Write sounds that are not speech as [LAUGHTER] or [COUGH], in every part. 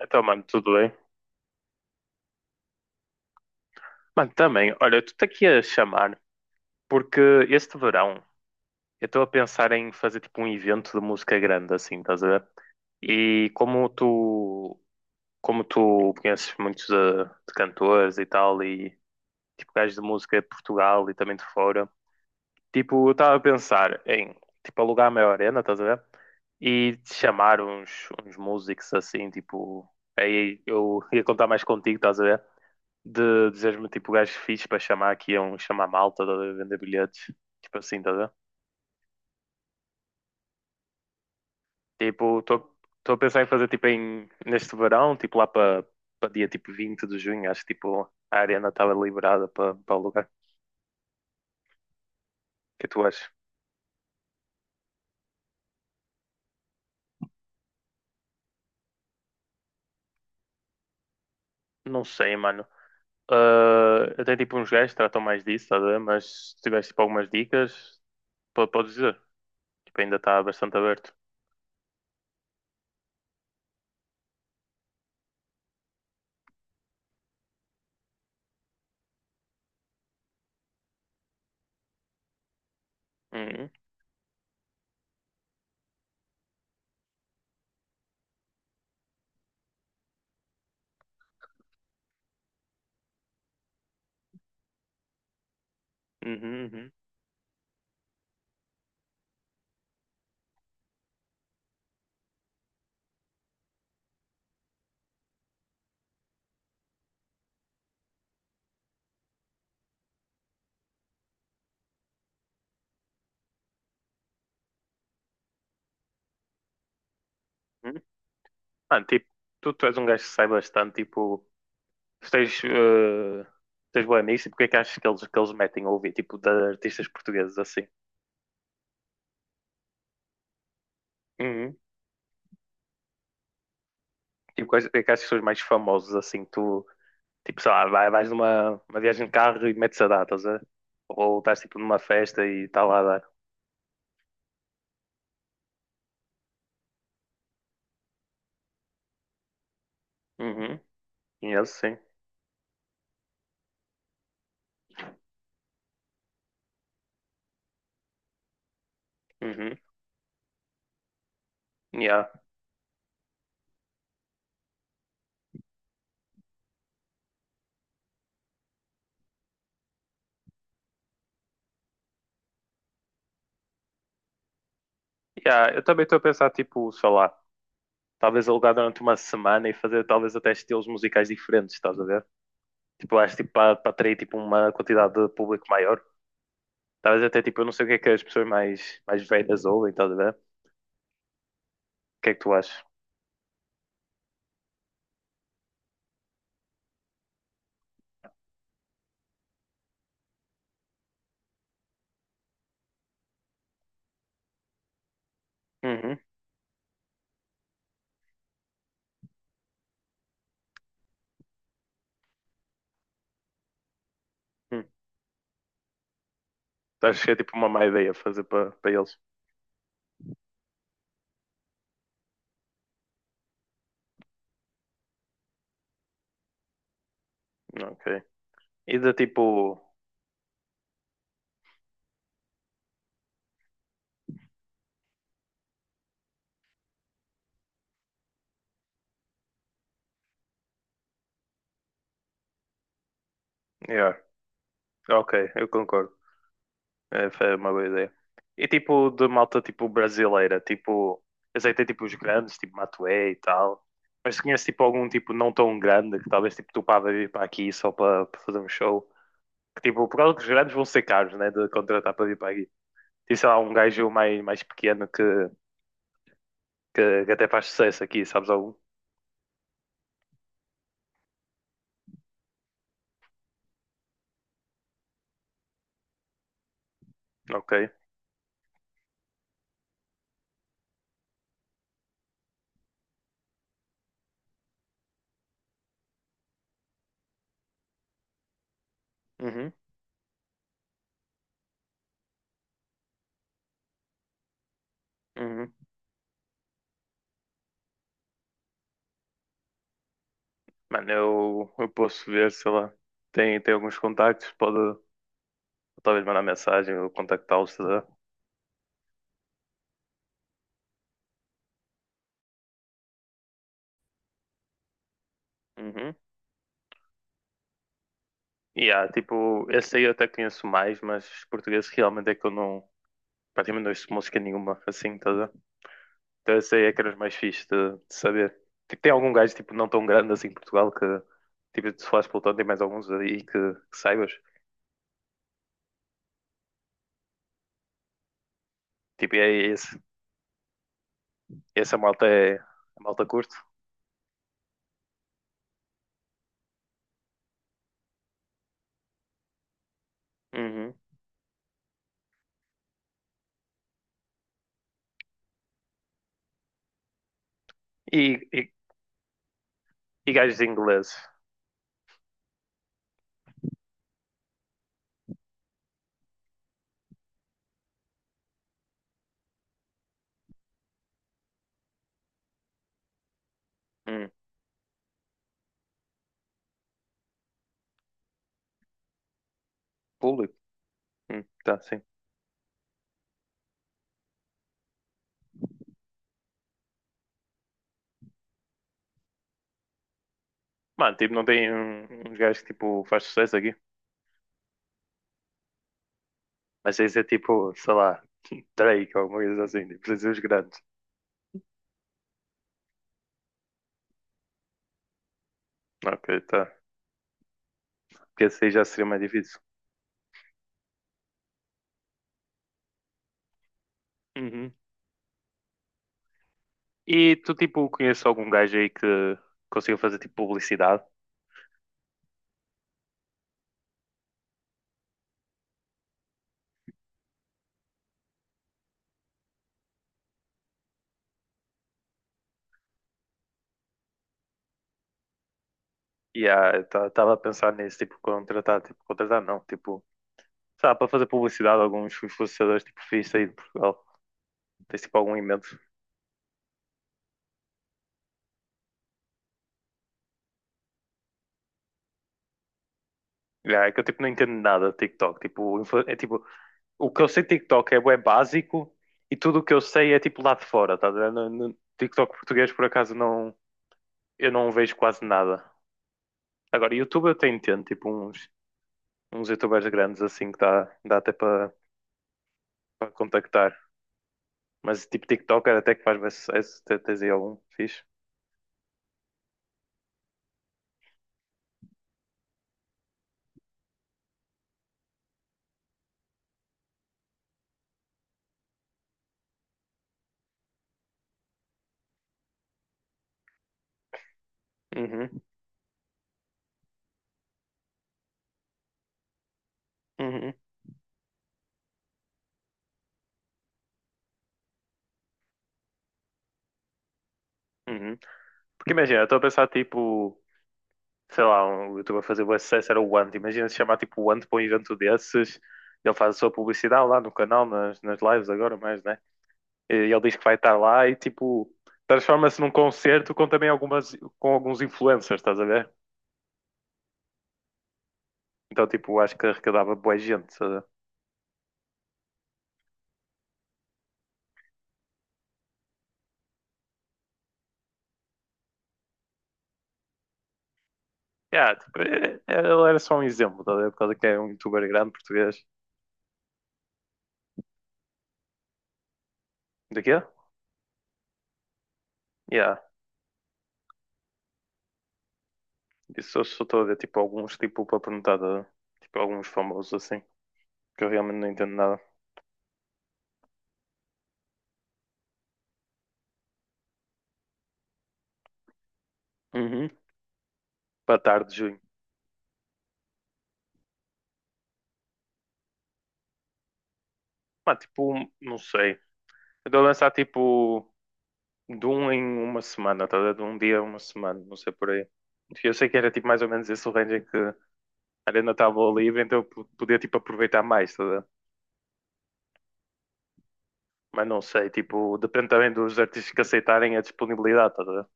Então, mano, tudo bem? Mano, também, olha, eu estou aqui a chamar porque este verão eu estou a pensar em fazer tipo um evento de música grande, assim, estás a ver? E como tu conheces muitos de cantores e tal, e tipo gajos de música de Portugal e também de fora, tipo, eu estava a pensar em tipo alugar uma arena, estás a ver? E chamar uns músicos assim, tipo, aí eu ia contar mais contigo, estás a ver? De dizeres-me tipo gajo fixe para chamar aqui a um chamar malta, tá a ver, vender bilhetes, tipo assim, tá a ver? Tipo, estou a pensar em fazer tipo em, neste verão, tipo lá para dia tipo 20 de junho, acho que tipo a arena estava liberada para o lugar. O que é tu achas? Não sei, mano. Ah, até tipo uns gajos que tratam mais disso, tá a ver? Mas se tiveres tipo algumas dicas, podes dizer. Tipo, ainda está bastante aberto. Uhum, uhum, uhum, uhum. Mano, tipo, tu és um gajo que sai bastante, tipo. Se tens, tens boa nisso, e porque é que achas que eles metem a ouvir, tipo, de artistas portugueses assim? Uhum. Tipo, quais é que achas que são os mais famosos assim? Tu, tipo, sei lá, vais numa uma viagem de carro e metes a dar, estás a ver? Ou estás tipo numa festa e está lá a dar. Uhum. Conheço, sim. Uhum. Yeah. Yeah. Eu também estou a pensar, tipo, sei lá, talvez alugar durante uma semana e fazer talvez até estilos musicais diferentes, estás a ver? Tipo, acho tipo para atrair tipo, uma quantidade de público maior. Talvez até tipo, eu não sei o que é que as pessoas mais velhas ouvem, estás a ver? O que é que tu achas? Uhum. Hum. Tu achas que é tipo uma má ideia fazer para eles? Ok. E de tipo. Yeah. Ok, eu concordo. É, foi uma boa ideia. E tipo de malta tipo brasileira, tipo. Eu sei que tem tipo os grandes, tipo Matuê e tal. Mas se conheces tipo algum tipo não tão grande que talvez tipo tu pá vai vir para aqui só para fazer um show. Que tipo, por causa que os grandes vão ser caros, né? De contratar para vir para aqui. Tem sei lá um gajo mais pequeno que que até faz sucesso aqui, sabes algo. Ok. Uhum, uhum. Mano, eu posso ver, sei lá. Tem alguns contactos, pode talvez mandar mensagem ou contactá-los, tá? Uhum. E há, tipo, esse aí eu até conheço mais, mas português realmente é que eu não, praticamente não ouço música nenhuma, assim, tá a ver? Então esse aí é que era os mais fixe de saber. Tipo, tem algum gajo, tipo, não tão grande assim em Portugal que, tipo, se falares pelotão, tem mais alguns aí que saibas. Tipo, e é esse, essa malta é, a malta curto. E, e, e gajos ingleses. Hum, público. Tá, sim. Mano, tipo, não tem uns gajos que tipo, faz sucesso aqui. Mas isso é tipo, sei lá, [LAUGHS] Drake ou alguma coisa assim. Tipo, precisa os grandes. Ok, tá. Porque esse aí já seria mais difícil. Uhum. E tu, tipo, conheces algum gajo aí que consiga fazer tipo publicidade? E ah, estava a pensar nisso, tipo, contratar não, tipo. Sei lá, para fazer publicidade a alguns influenciadores tipo fixe aí de Portugal. Tem tipo algum invento. É que eu tipo não entendo nada de TikTok. Tipo, é tipo, o que eu sei de TikTok é, bué básico e tudo o que eu sei é tipo lá de fora, tá a ver? No TikTok português por acaso não, eu não vejo quase nada. Agora, YouTube eu até entendo, tipo uns youtubers grandes assim que dá até para contactar. Mas tipo TikTok era até que faz bué sucesso, até tens aí algum fixe. Uhum, uhum, uhum. Porque imagina, eu estou a pensar tipo sei lá, um youtuber a fazer o sucesso era o Ant. Imagina se chamar tipo o Ant para um evento desses. Ele faz a sua publicidade lá no canal, nas lives agora, mais, né? E ele diz que vai estar lá e tipo transforma-se num concerto com também algumas com alguns influencers, estás a ver? Então tipo, acho que arrecadava boa gente, estás a ver? Yeah, tipo, ele era só um exemplo, estás a ver? Por causa que é um youtuber grande português. De quê? Yeah. Isso eu só estou a ver tipo alguns tipo para perguntar de, tipo alguns famosos assim, que eu realmente não entendo nada. Uhum. Para tarde de junho. Pá, tipo, não sei. Eu dou a lançar tipo de um em uma semana, tá a ver? De um dia a uma semana, não sei por aí. Eu sei que era tipo mais ou menos esse o range em que a arena estava livre, então eu podia tipo aproveitar mais, tá a ver? Mas não sei, tipo, depende também dos artistas que aceitarem a disponibilidade, tá a ver?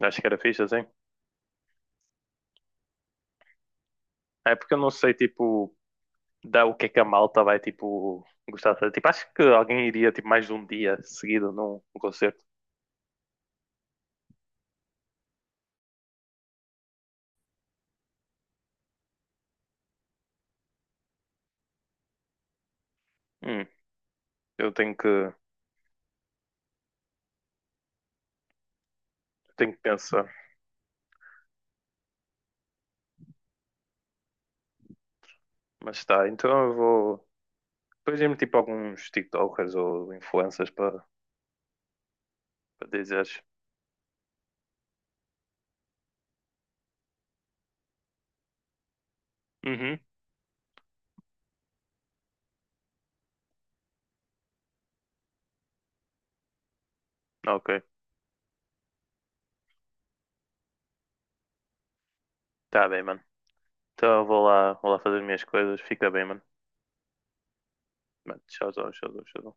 Acho que era fixe assim. É porque eu não sei, tipo, dá o que é que a malta vai, tipo, gostar de fazer. Tipo, acho que alguém iria, tipo, mais de um dia seguido num concerto. Hum, eu tenho que, tenho que pensar. Mas tá, então eu vou. Depois me tipo alguns TikTokers ou influencers para dizeres. Uhum, ok. Tá bem, mano. Então eu vou lá fazer as minhas coisas. Fica bem, mano. Mano, tchauzão, tchauzão, tchauzão.